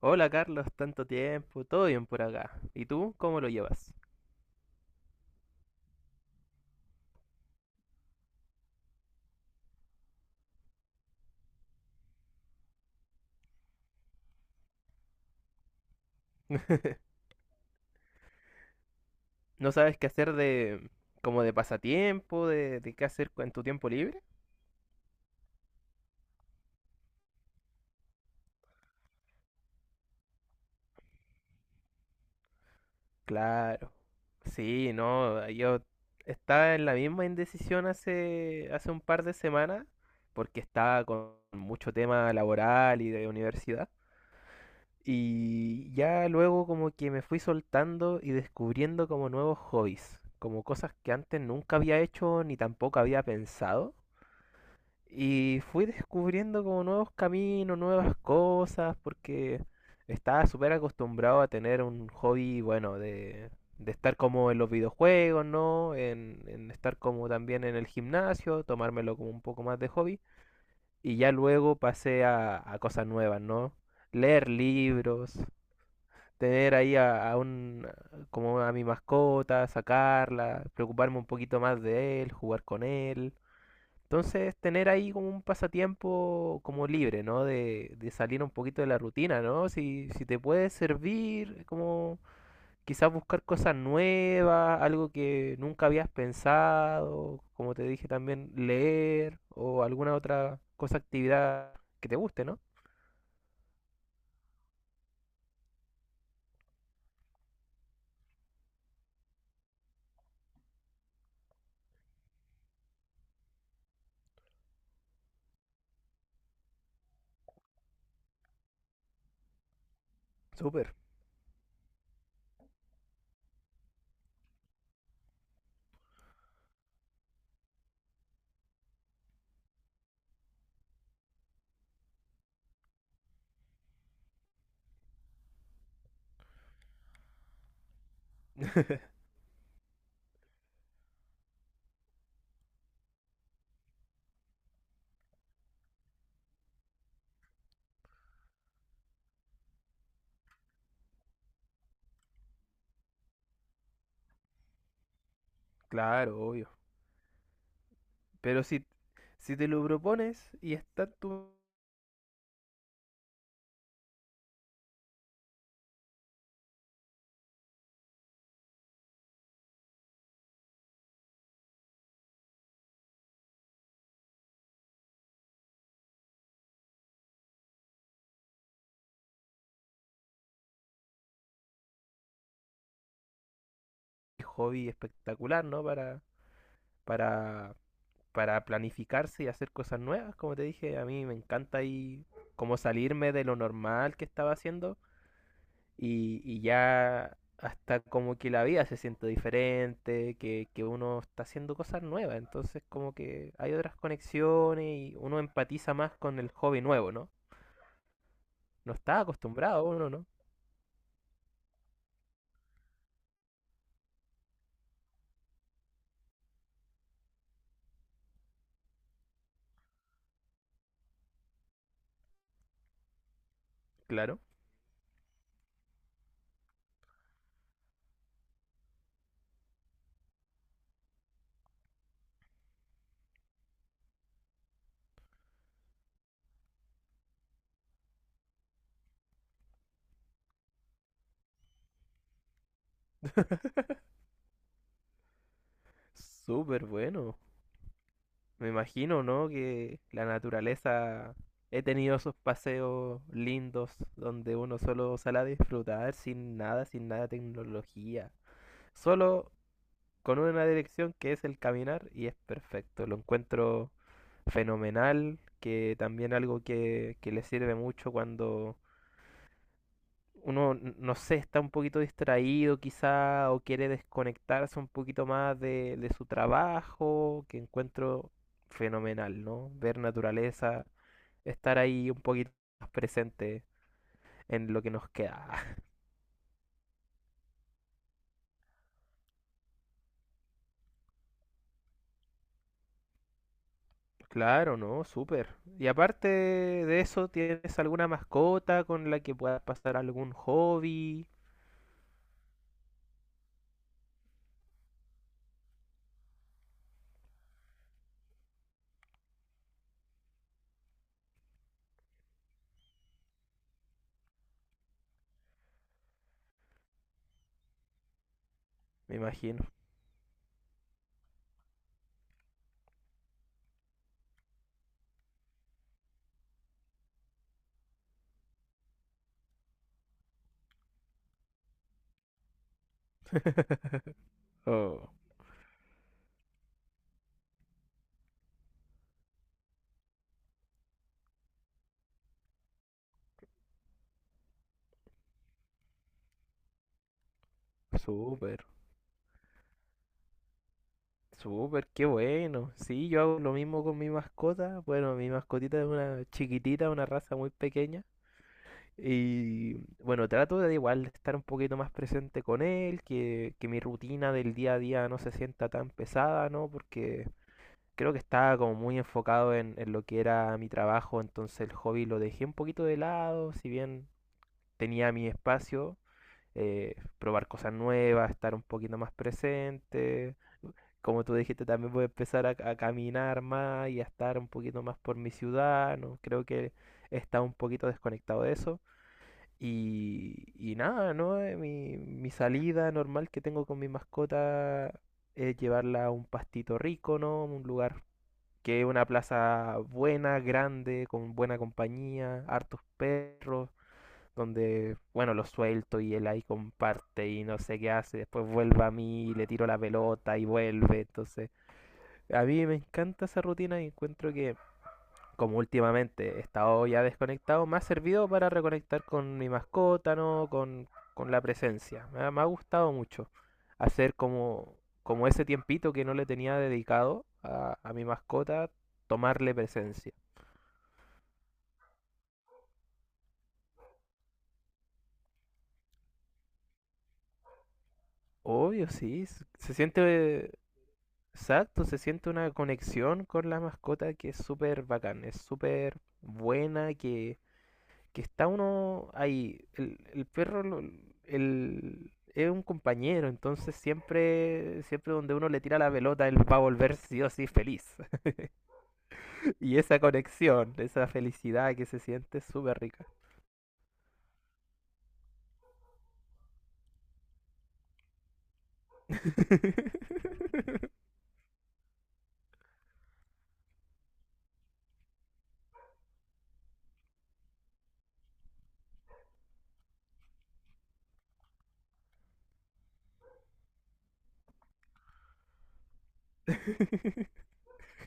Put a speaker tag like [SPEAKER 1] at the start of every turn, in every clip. [SPEAKER 1] Hola Carlos, tanto tiempo, todo bien por acá. ¿Y tú cómo lo llevas? ¿No sabes qué hacer de como de pasatiempo, de qué hacer en tu tiempo libre? Claro. Sí, no, yo estaba en la misma indecisión hace un par de semanas porque estaba con mucho tema laboral y de universidad, y ya luego como que me fui soltando y descubriendo como nuevos hobbies, como cosas que antes nunca había hecho ni tampoco había pensado. Y fui descubriendo como nuevos caminos, nuevas cosas, porque estaba súper acostumbrado a tener un hobby, bueno, de estar como en los videojuegos, ¿no? En estar como también en el gimnasio, tomármelo como un poco más de hobby. Y ya luego pasé a cosas nuevas, ¿no? Leer libros, tener ahí a un, como a mi mascota, sacarla, preocuparme un poquito más de él, jugar con él. Entonces, tener ahí como un pasatiempo como libre, ¿no? De salir un poquito de la rutina, ¿no? Si, si te puede servir, como quizás buscar cosas nuevas, algo que nunca habías pensado, como te dije también, leer o alguna otra cosa, actividad que te guste, ¿no? Súper, claro, obvio. Pero si, si te lo propones y está tu hobby espectacular, ¿no? Para para planificarse y hacer cosas nuevas. Como te dije, a mí me encanta ahí como salirme de lo normal que estaba haciendo, y ya hasta como que la vida se siente diferente, que uno está haciendo cosas nuevas, entonces como que hay otras conexiones y uno empatiza más con el hobby nuevo, ¿no? No está acostumbrado uno, ¿no? Claro. Súper bueno. Me imagino, ¿no? Que la naturaleza... He tenido esos paseos lindos donde uno solo sale a disfrutar sin nada, sin nada de tecnología. Solo con una dirección que es el caminar y es perfecto. Lo encuentro fenomenal, que también algo que le sirve mucho cuando uno, n- no sé, está un poquito distraído quizá o quiere desconectarse un poquito más de su trabajo, que encuentro fenomenal, ¿no? Ver naturaleza, estar ahí un poquito más presente en lo que nos queda. Claro, ¿no? Súper. Y aparte de eso, ¿tienes alguna mascota con la que puedas pasar algún hobby? Me imagino. Oh, súper. Súper, qué bueno. Sí, yo hago lo mismo con mi mascota. Bueno, mi mascotita es una chiquitita, una raza muy pequeña. Y bueno, trato de igual de estar un poquito más presente con él, que mi rutina del día a día no se sienta tan pesada, ¿no? Porque creo que estaba como muy enfocado en lo que era mi trabajo, entonces el hobby lo dejé un poquito de lado, si bien tenía mi espacio, probar cosas nuevas, estar un poquito más presente. Como tú dijiste, también voy a empezar a caminar más y a estar un poquito más por mi ciudad, ¿no? Creo que está un poquito desconectado de eso. Y nada, ¿no? Mi, mi salida normal que tengo con mi mascota es llevarla a un pastito rico, ¿no? Un lugar que es una plaza buena, grande, con buena compañía, hartos perros donde, bueno, lo suelto y él ahí comparte y no sé qué hace, después vuelve a mí y le tiro la pelota y vuelve, entonces a mí me encanta esa rutina y encuentro que, como últimamente he estado ya desconectado, me ha servido para reconectar con mi mascota, ¿no? Con la presencia, me ha gustado mucho hacer como, como ese tiempito que no le tenía dedicado a mi mascota, tomarle presencia. Obvio, sí, se siente. Exacto, se siente una conexión con la mascota que es súper bacán, es súper buena, que está uno ahí. El perro lo- el- es un compañero, entonces siempre, siempre donde uno le tira la pelota, él va a volver sí o sí feliz. Y esa conexión, esa felicidad que se siente es súper rica.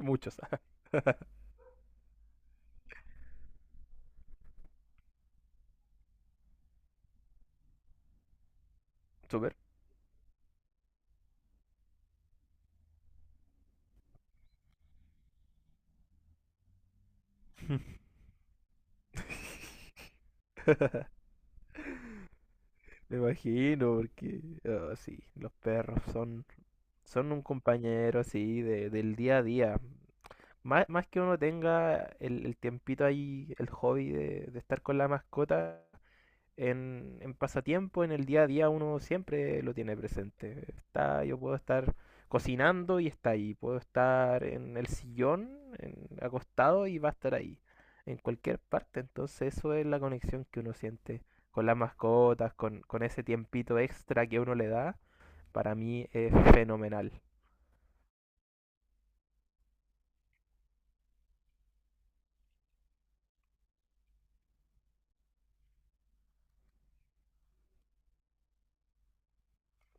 [SPEAKER 1] Muchos, ah, súper. Me imagino, porque ah, sí, los perros son, son un compañero así de, del día a día. Más, más que uno tenga el tiempito ahí, el hobby de estar con la mascota, en pasatiempo, en el día a día, uno siempre lo tiene presente. Está, yo puedo estar cocinando y está ahí. Puedo estar en el sillón, en- acostado y va a estar ahí. En cualquier parte. Entonces eso es la conexión que uno siente con las mascotas, con ese tiempito extra que uno le da. Para mí es fenomenal.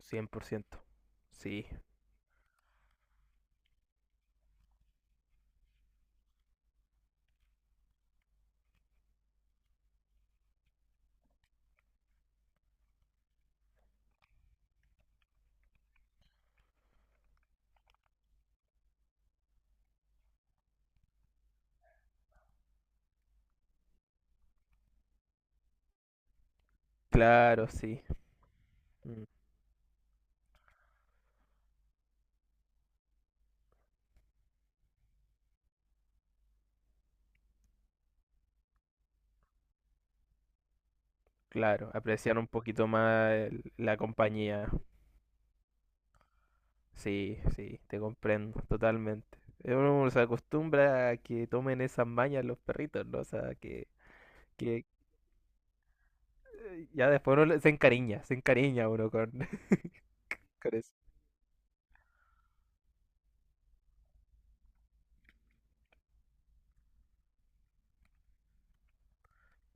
[SPEAKER 1] Cien por ciento. Sí, claro, sí. Mm. Claro, apreciar un poquito más el- la compañía. Sí, sí, te comprendo totalmente. Uno se acostumbra a que tomen esas mañas los perritos, ¿no? O sea, que ya después uno le- se encariña uno con, con eso.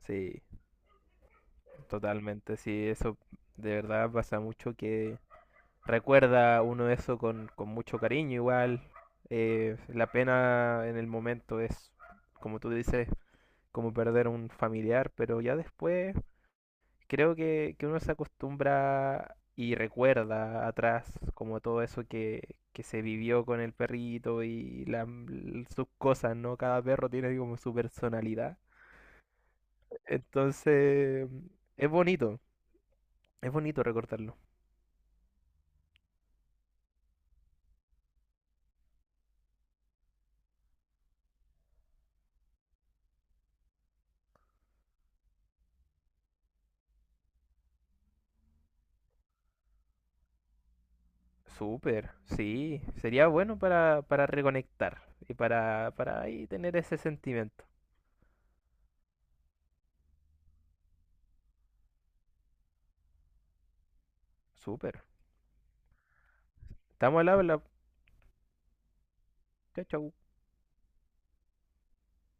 [SPEAKER 1] Sí, totalmente, sí, eso de verdad pasa mucho que recuerda uno eso con mucho cariño igual. La pena en el momento es, como tú dices, como perder un familiar, pero ya después creo que uno se acostumbra y recuerda atrás como todo eso que se vivió con el perrito y la- l- sus cosas, ¿no? Cada perro tiene como su personalidad. Entonces, es bonito, es bonito recordarlo. Súper, sí, sería bueno para reconectar y para ahí tener ese sentimiento. Súper. Estamos al habla. Chao, chao.